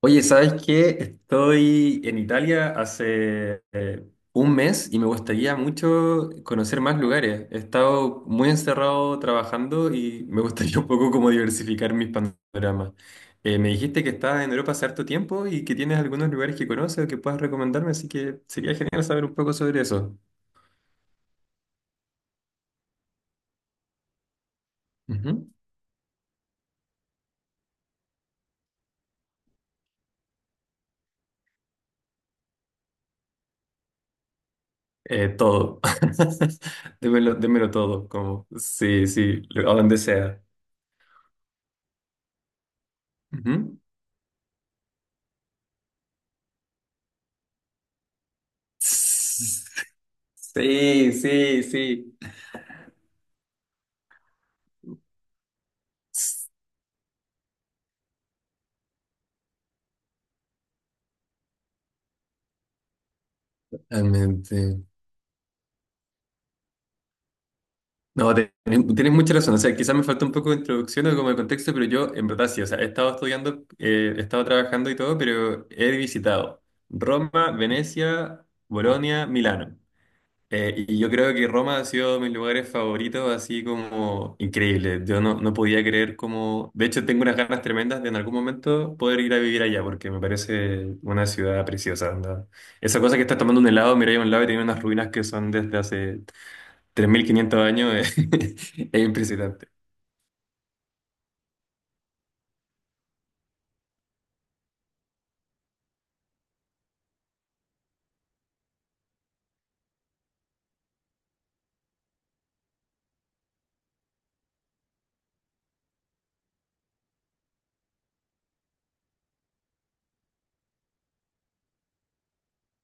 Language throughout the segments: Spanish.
Oye, ¿sabes qué? Estoy en Italia hace un mes y me gustaría mucho conocer más lugares. He estado muy encerrado trabajando y me gustaría un poco como diversificar mis panoramas. Me dijiste que estabas en Europa hace harto tiempo y que tienes algunos lugares que conoces o que puedas recomendarme, así que sería genial saber un poco sobre eso. Ujú. Todo. Démelo, démelo todo, como sí, sí, a donde sea. Ujú. Sí, sí, sí. Realmente. No, tienes mucha razón. O sea, quizás me falta un poco de introducción o como de contexto, pero yo, en verdad, sí. O sea, he estado estudiando, he estado trabajando y todo, pero he visitado Roma, Venecia, Bolonia, Milano. Y yo creo que Roma ha sido de mis lugares favoritos, así como increíble. Yo no podía creer como... De hecho, tengo unas ganas tremendas de en algún momento poder ir a vivir allá, porque me parece una ciudad preciosa. Onda. Esa cosa que estás tomando un helado, mira a un lado y tiene unas ruinas que son desde hace 3500 años, es impresionante.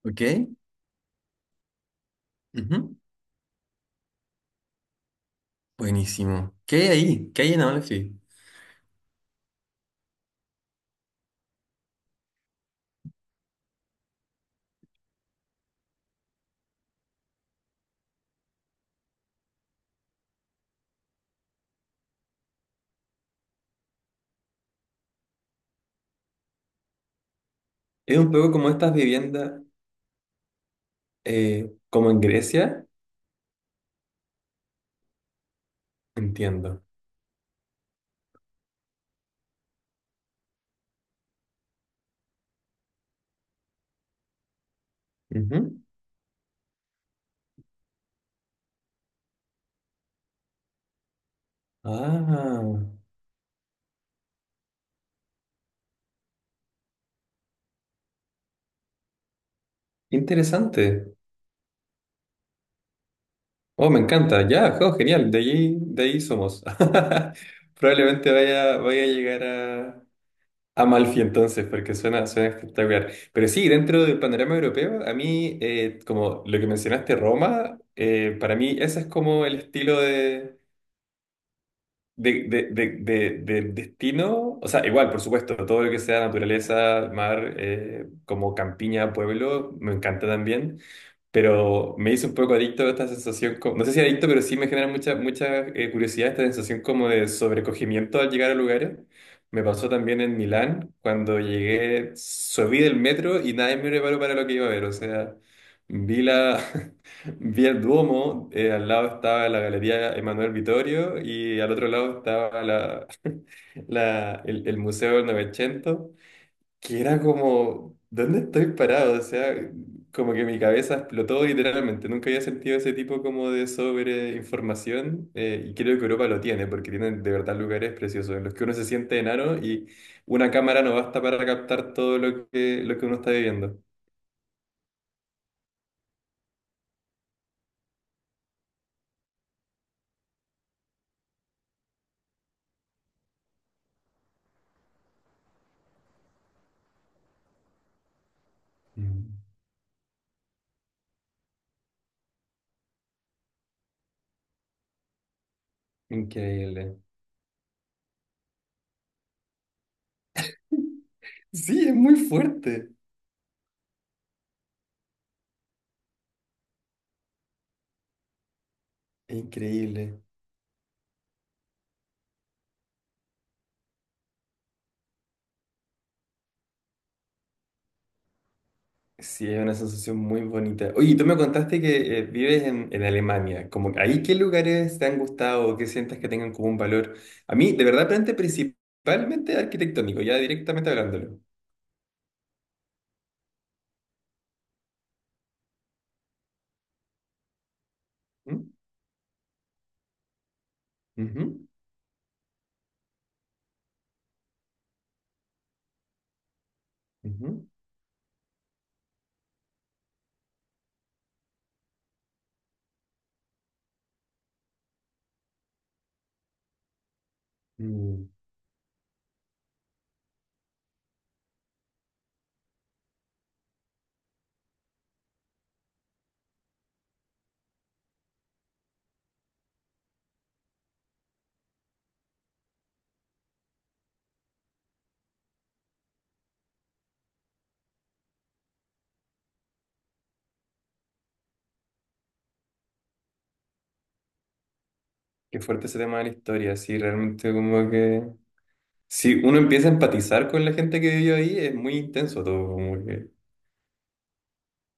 Ok. Ujú. Buenísimo. ¿Qué hay ahí? ¿Qué hay en Amalfi? Es un poco como estas viviendas, como en Grecia. Entiendo. Ujú. Ah. Interesante. Oh, me encanta. Ya, oh, genial. De allí, de ahí somos. Probablemente vaya a llegar a Malfi entonces, porque suena espectacular. Pero sí, dentro del panorama europeo, a mí, como lo que mencionaste, Roma, para mí ese es como el estilo de del destino, o sea, igual, por supuesto, todo lo que sea naturaleza, mar, como campiña, pueblo, me encanta también, pero me hizo un poco adicto a esta sensación, no sé si adicto, pero sí me genera mucha curiosidad esta sensación como de sobrecogimiento al llegar a lugares. Me pasó también en Milán, cuando llegué, subí del metro y nadie me preparó para lo que iba a ver, o sea, vi la, vi el Duomo, al lado estaba la Galería Emanuel Vittorio y al otro lado estaba la, el Museo del Novecento, que era como, ¿dónde estoy parado? O sea, como que mi cabeza explotó literalmente. Nunca había sentido ese tipo como de sobreinformación y creo que Europa lo tiene, porque tienen de verdad lugares preciosos en los que uno se siente enano y una cámara no basta para captar todo lo lo que uno está viviendo. Mm. Increíble. Sí, es muy fuerte. Increíble. Sí, es una sensación muy bonita. Oye, tú me contaste que vives en Alemania. Como, que ¿ahí qué lugares te han gustado o qué sientes que tengan como un valor? A mí, de verdad, plantea principalmente arquitectónico, ya directamente hablándolo. ¿Mm? Ujú, ujú. Mm. Qué fuerte ese tema de la historia. Sí, realmente como que... Si uno empieza a empatizar con la gente que vivió ahí, es muy intenso todo. Como que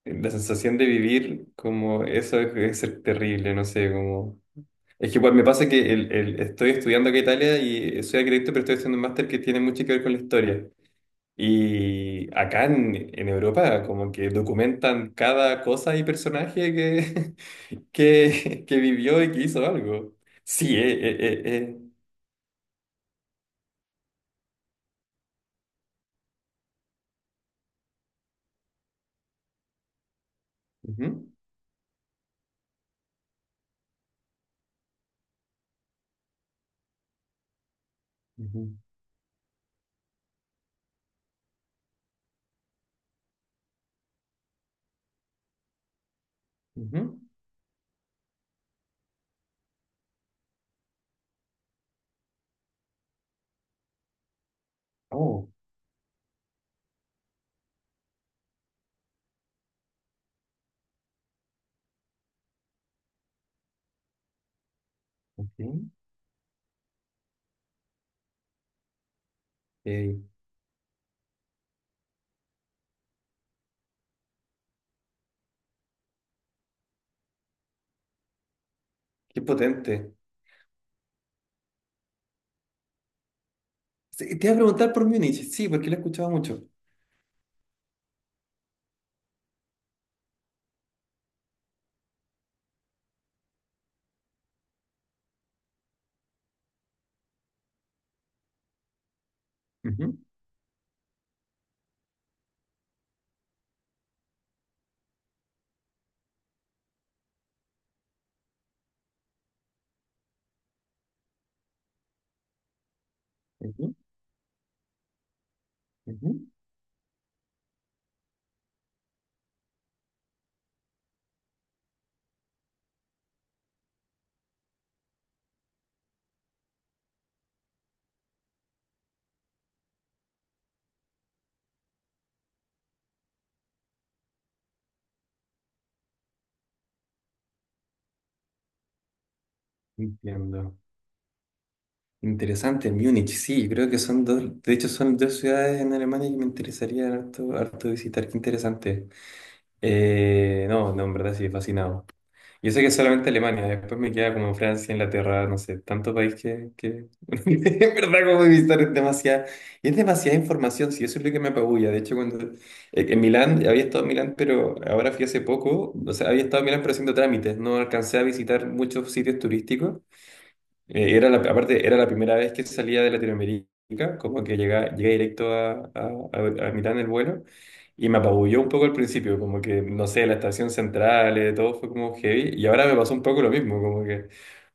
la sensación de vivir como eso es ser terrible, no sé, como... Es que igual me pasa que estoy estudiando acá en Italia y soy arquitecto, pero estoy haciendo un máster que tiene mucho que ver con la historia. Y acá en Europa como que documentan cada cosa y personaje que, que vivió y que hizo algo. Sí, eh, eh. Ujú, ujú, ujú. Oh, ok. Eh, Qué potente. Sí, te iba a preguntar por Múnich, sí, porque lo he escuchado mucho. Ujú, ujú, ujú. Entiendo. Interesante, Múnich, sí, creo que son dos, de hecho son dos ciudades en Alemania que me interesaría harto, harto visitar, qué interesante. No, no, en verdad sí, fascinado. Yo sé que es solamente Alemania, después me queda como Francia, Inglaterra, no sé, tanto país que en verdad como visitar es demasiada, y es demasiada información, sí, eso es lo que me apabulla. De hecho, cuando en Milán, había estado en Milán, pero ahora fui hace poco, o sea, había estado en Milán pero haciendo trámites, no alcancé a visitar muchos sitios turísticos. Era la, aparte, era la primera vez que salía de Latinoamérica, como que llega llegué directo a Milán el vuelo, y me apabulló un poco al principio, como que, no sé, la estación central, todo fue como heavy, y ahora me pasó un poco lo mismo, como que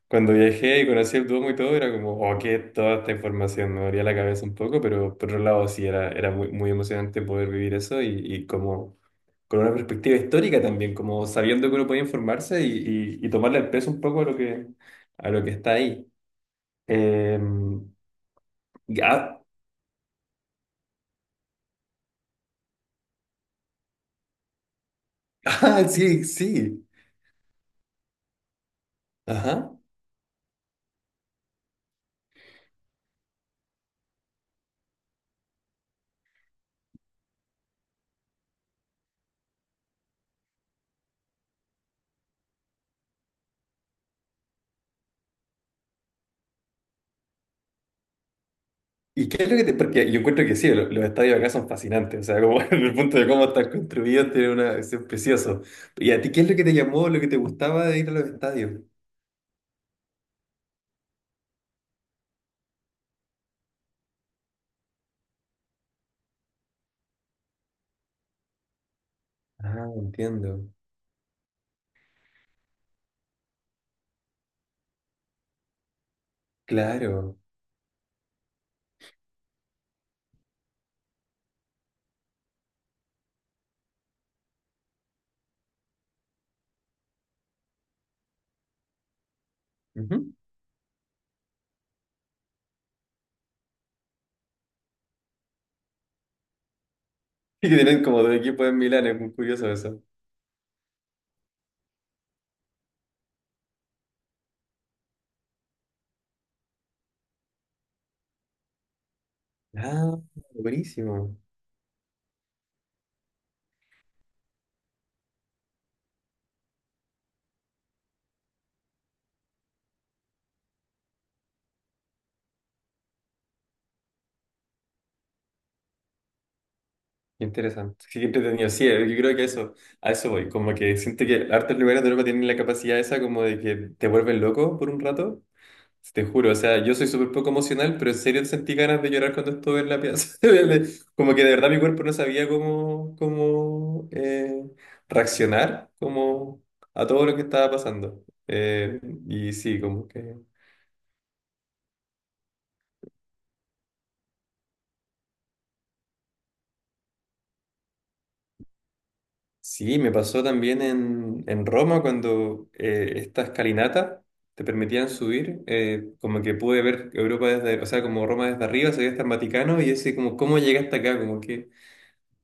cuando viajé y conocí el Duomo y todo, era como, oh, qué es toda esta información, me abría la cabeza un poco, pero por otro lado sí, era muy, muy emocionante poder vivir eso y como... con una perspectiva histórica también, como sabiendo que uno puede informarse y tomarle el peso un poco a lo que está ahí. Em, ya, ah, sí, sí. Ajá. ¿Y qué es lo que te...? Porque yo encuentro que sí, estadios acá son fascinantes. O sea, como en el punto de cómo están construidos, tiene una... Es precioso. ¿Y a ti qué es lo que te llamó, lo que te gustaba de ir a los estadios? Ah, entiendo. Claro. Ujú. Y que tienen como dos equipos en Milán, es muy curioso eso. Ah, buenísimo. Qué interesante. Sí, qué entretenido. Sí, yo creo que eso, a eso voy. Como que siento que hartos lugares de Europa tienen la capacidad esa como de que te vuelven loco por un rato. Te juro, o sea, yo soy súper poco emocional, pero en serio sentí ganas de llorar cuando estuve en la piazza. De- Como que de verdad mi cuerpo no sabía cómo reaccionar como a todo lo que estaba pasando. Y sí, como que... Sí, me pasó también en Roma cuando esta escalinata te permitían subir, como que pude ver Europa desde, o sea, como Roma desde arriba, se veía hasta el Vaticano y ese como, ¿cómo llegué hasta acá? Como que...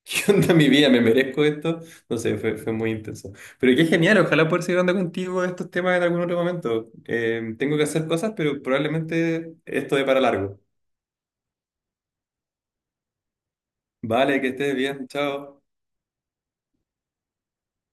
¿Qué onda mi vida? ¿Me merezco esto? No sé, fue muy intenso. Pero qué genial, ojalá poder seguir hablando contigo de estos temas en algún otro momento. Tengo que hacer cosas, pero probablemente esto de para largo. Vale, que estés bien, chao.